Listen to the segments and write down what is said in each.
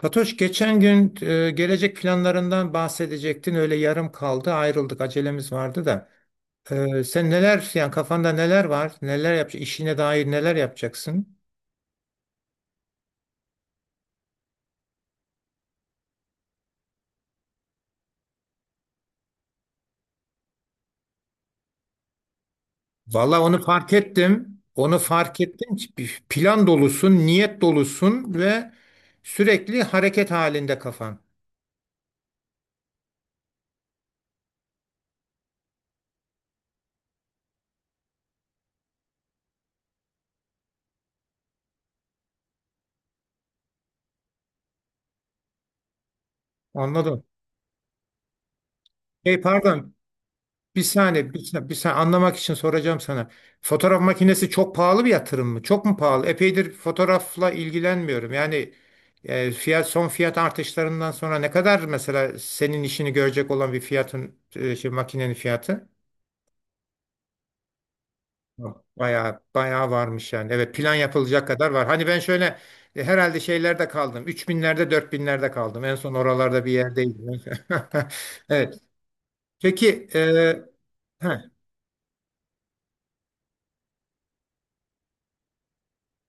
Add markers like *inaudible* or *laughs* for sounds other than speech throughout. Fatoş geçen gün gelecek planlarından bahsedecektin. Öyle yarım kaldı. Ayrıldık. Acelemiz vardı da. Sen neler, yani kafanda neler var? Neler yapacaksın? İşine dair neler yapacaksın? Valla onu fark ettim. Onu fark ettim. Plan dolusun, niyet dolusun ve sürekli hareket halinde kafan. Anladım. Hey, pardon. Bir saniye, bir saniye, bir saniye, anlamak için soracağım sana. Fotoğraf makinesi çok pahalı bir yatırım mı? Çok mu pahalı? Epeydir fotoğrafla ilgilenmiyorum. Yani e, fiyat son fiyat artışlarından sonra ne kadar mesela senin işini görecek olan şey, makinenin fiyatı? Bayağı bayağı varmış yani. Evet, plan yapılacak kadar var. Hani ben şöyle, herhalde şeylerde kaldım. 3 binlerde, 4 binlerde kaldım. En son oralarda bir yerdeydim. *laughs* Evet. Peki. Heh,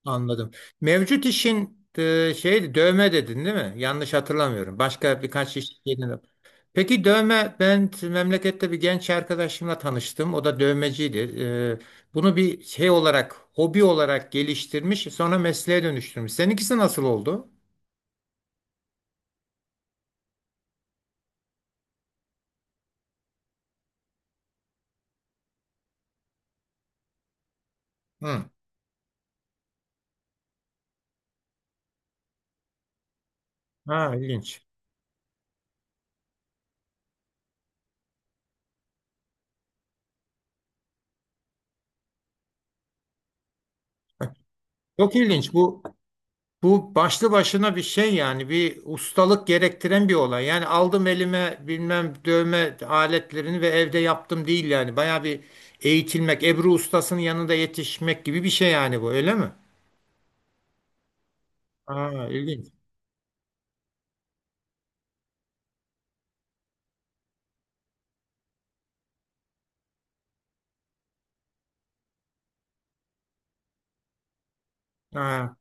Anladım. Mevcut işin, şey, dövme dedin değil mi? Yanlış hatırlamıyorum. Başka birkaç iş yeni. Peki dövme, ben memlekette bir genç arkadaşımla tanıştım. O da dövmeciydi. Bunu bir şey olarak, hobi olarak geliştirmiş, sonra mesleğe dönüştürmüş. Seninkisi nasıl oldu? Hı. Ha, ilginç. Çok ilginç bu. Bu başlı başına bir şey, yani bir ustalık gerektiren bir olay. Yani aldım elime bilmem dövme aletlerini ve evde yaptım, değil yani. Baya bir eğitilmek, Ebru ustasının yanında yetişmek gibi bir şey yani bu, öyle mi? Aa, ilginç. Ha.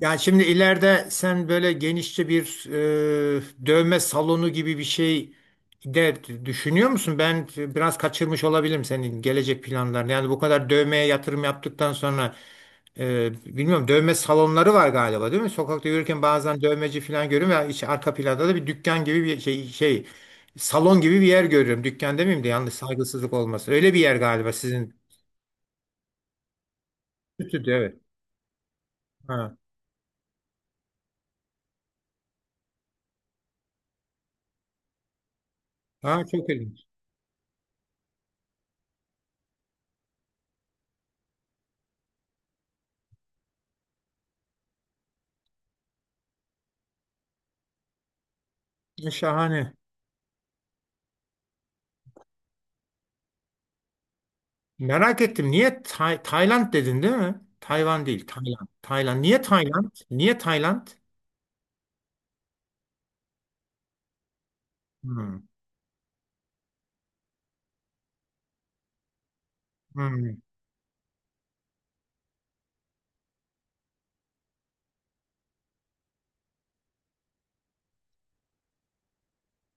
Yani şimdi ileride sen böyle genişçe bir dövme salonu gibi bir şey de düşünüyor musun? Ben biraz kaçırmış olabilirim senin gelecek planlarını. Yani bu kadar dövmeye yatırım yaptıktan sonra, bilmiyorum, dövme salonları var galiba, değil mi? Sokakta yürürken bazen dövmeci falan görüyorum ya, iç arka planda da bir dükkan gibi bir şey, şey, salon gibi bir yer görüyorum. Dükkan demeyeyim de, yanlış, saygısızlık olmasın. Öyle bir yer galiba sizin, stüdyo, evet. Ha. Ha, çok ilginç. Şahane. Merak ettim. Niye Tayland dedin, değil mi? Tayvan değil. Tayland. Tayland. Niye Tayland? Niye Tayland? Hmm. Hmm.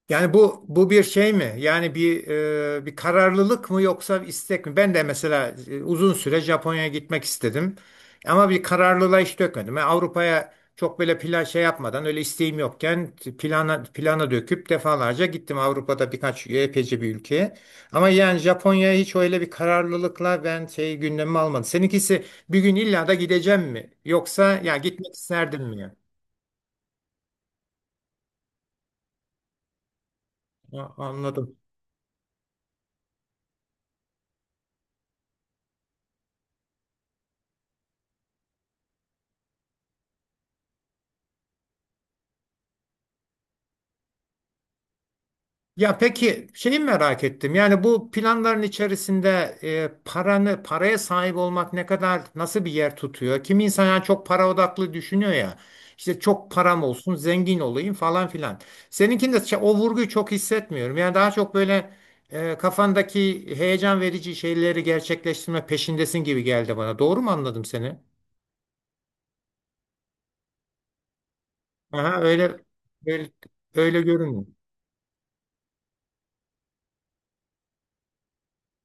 Yani bu bir şey mi? Yani bir kararlılık mı, yoksa bir istek mi? Ben de mesela uzun süre Japonya'ya gitmek istedim. Ama bir kararlılığa hiç dökmedim. Yani Avrupa'ya çok böyle plan şey yapmadan, öyle isteğim yokken plana plana döküp defalarca gittim Avrupa'da birkaç, epeyce bir ülkeye. Ama yani Japonya'ya hiç öyle bir kararlılıkla ben şey, gündemime almadım. Seninkisi bir gün illa da gideceğim mi? Yoksa ya gitmek isterdim mi? Ya, anladım. Ya peki, şeyi merak ettim. Yani bu planların içerisinde e, paranı paraya sahip olmak ne kadar, nasıl bir yer tutuyor? Kim insan, yani çok para odaklı düşünüyor ya. İşte çok param olsun, zengin olayım, falan filan. Seninkinde o vurguyu çok hissetmiyorum. Yani daha çok böyle, kafandaki heyecan verici şeyleri gerçekleştirme peşindesin gibi geldi bana. Doğru mu anladım seni? Aha, öyle, öyle, öyle görünüyor.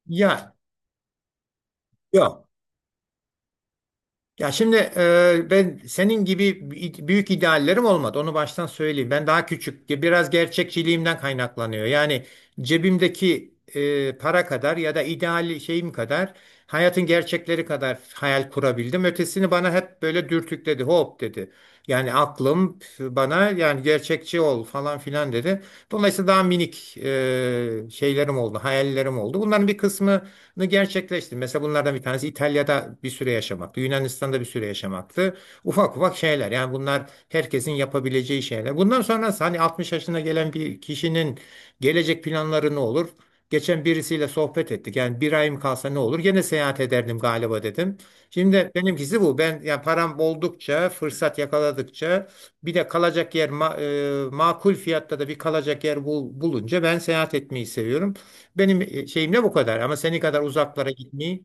Ya yok. Ya şimdi, ben senin gibi büyük ideallerim olmadı. Onu baştan söyleyeyim. Ben daha küçük, biraz gerçekçiliğimden kaynaklanıyor. Yani cebimdeki para kadar, ya da ideal şeyim kadar, hayatın gerçekleri kadar hayal kurabildim. Ötesini bana hep böyle dürtükledi, hop dedi. Yani aklım bana, yani gerçekçi ol, falan filan dedi. Dolayısıyla daha minik, şeylerim oldu, hayallerim oldu. Bunların bir kısmı gerçekleştirdim. Mesela bunlardan bir tanesi İtalya'da bir süre yaşamaktı. Yunanistan'da bir süre yaşamaktı. Ufak ufak şeyler. Yani bunlar herkesin yapabileceği şeyler. Bundan sonrası, hani 60 yaşına gelen bir kişinin gelecek planları ne olur? Geçen birisiyle sohbet ettik. Yani bir ayım kalsa ne olur? Gene seyahat ederdim galiba, dedim. Şimdi benimkisi bu. Ben yani param oldukça, fırsat yakaladıkça, bir de kalacak yer makul fiyatta da bir kalacak yer bulunca ben seyahat etmeyi seviyorum. Benim şeyimle bu kadar, ama seni kadar uzaklara gitmeyi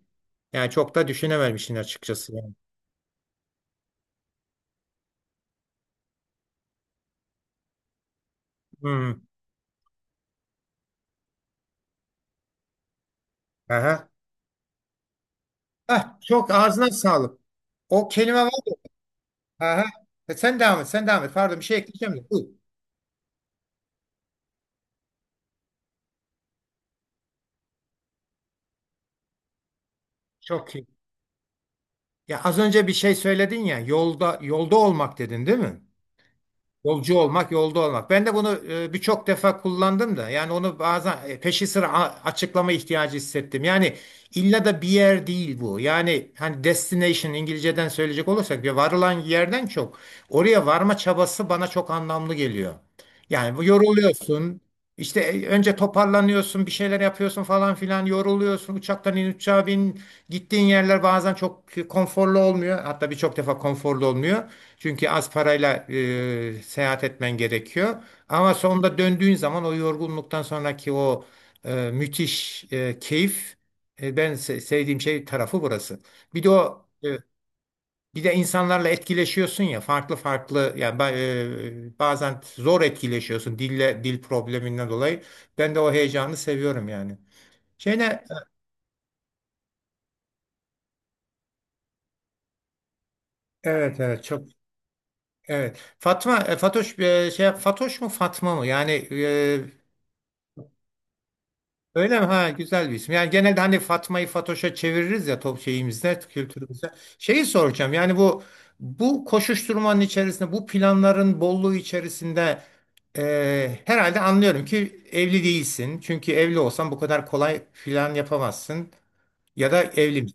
yani çok da düşünememişsin açıkçası yani. Hmm. Aha. Ah, çok ağzına sağlık. O kelime var. Aha. Sen devam et, sen devam et. Pardon, bir şey ekleyeceğim de. Buyur. Çok iyi. Ya az önce bir şey söyledin ya, yolda, yolda olmak dedin, değil mi? Yolcu olmak, yolda olmak. Ben de bunu birçok defa kullandım da. Yani onu bazen peşi sıra açıklama ihtiyacı hissettim. Yani illa da bir yer değil bu. Yani hani destination, İngilizceden söyleyecek olursak, bir varılan yerden çok oraya varma çabası bana çok anlamlı geliyor. Yani bu, yoruluyorsun. İşte, önce toparlanıyorsun, bir şeyler yapıyorsun falan filan, yoruluyorsun. Uçaktan in, uçağa bin. Gittiğin yerler bazen çok konforlu olmuyor. Hatta birçok defa konforlu olmuyor. Çünkü az parayla seyahat etmen gerekiyor. Ama sonunda döndüğün zaman o yorgunluktan sonraki o müthiş keyif, ben sevdiğim şey tarafı burası. Bir de o e, bir de insanlarla etkileşiyorsun ya, farklı farklı yani, bazen zor etkileşiyorsun dil probleminden dolayı. Ben de o heyecanı seviyorum yani. Şeyine, evet, evet, çok, evet. Fatma, Fatoş, Fatoş mu, Fatma mı? Yani öyle mi? Ha, güzel bir isim. Yani genelde hani Fatma'yı Fatoş'a çeviririz ya, top şeyimizde, kültürümüzde. Şeyi soracağım. Yani bu koşuşturmanın içerisinde, bu planların bolluğu içerisinde, herhalde anlıyorum ki evli değilsin. Çünkü evli olsan bu kadar kolay plan yapamazsın. Ya da evli,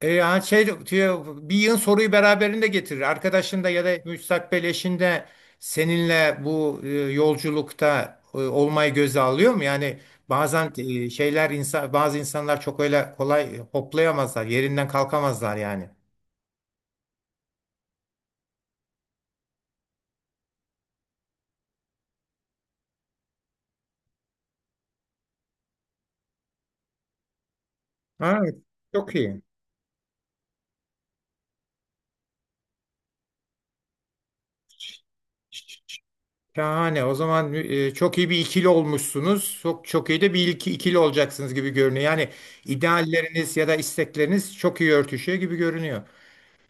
Yani şey diyor, bir yığın soruyu beraberinde getirir. Arkadaşında ya da müstakbel eşinde seninle bu yolculukta olmayı göze alıyor mu? Yani bazen, e, şeyler insan bazı insanlar çok öyle kolay hoplayamazlar, yerinden kalkamazlar yani. Ha, çok iyi. Şahane. O zaman, çok iyi bir ikili olmuşsunuz. Çok çok iyi de bir ikili olacaksınız gibi görünüyor. Yani idealleriniz ya da istekleriniz çok iyi örtüşüyor gibi görünüyor.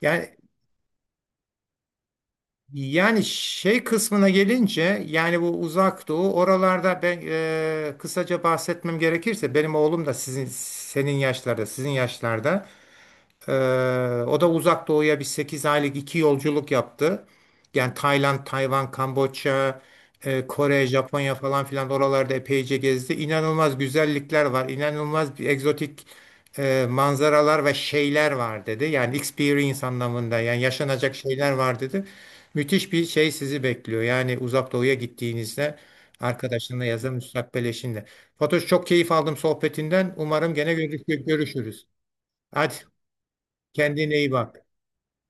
Yani. Şey kısmına gelince, yani bu Uzak Doğu oralarda, ben kısaca bahsetmem gerekirse, benim oğlum da sizin, senin yaşlarda sizin yaşlarda, o da Uzak Doğu'ya bir 8 aylık iki yolculuk yaptı. Yani Tayland, Tayvan, Kamboçya, Kore, Japonya falan filan, oralarda epeyce gezdi. İnanılmaz güzellikler var. İnanılmaz bir egzotik, manzaralar ve şeyler var dedi. Yani experience anlamında, yani yaşanacak şeyler var dedi. Müthiş bir şey sizi bekliyor. Yani Uzak Doğu'ya gittiğinizde arkadaşınla ya da müstakbel eşinle. Fatoş, çok keyif aldım sohbetinden. Umarım gene görüşürüz. Hadi. Kendine iyi bak.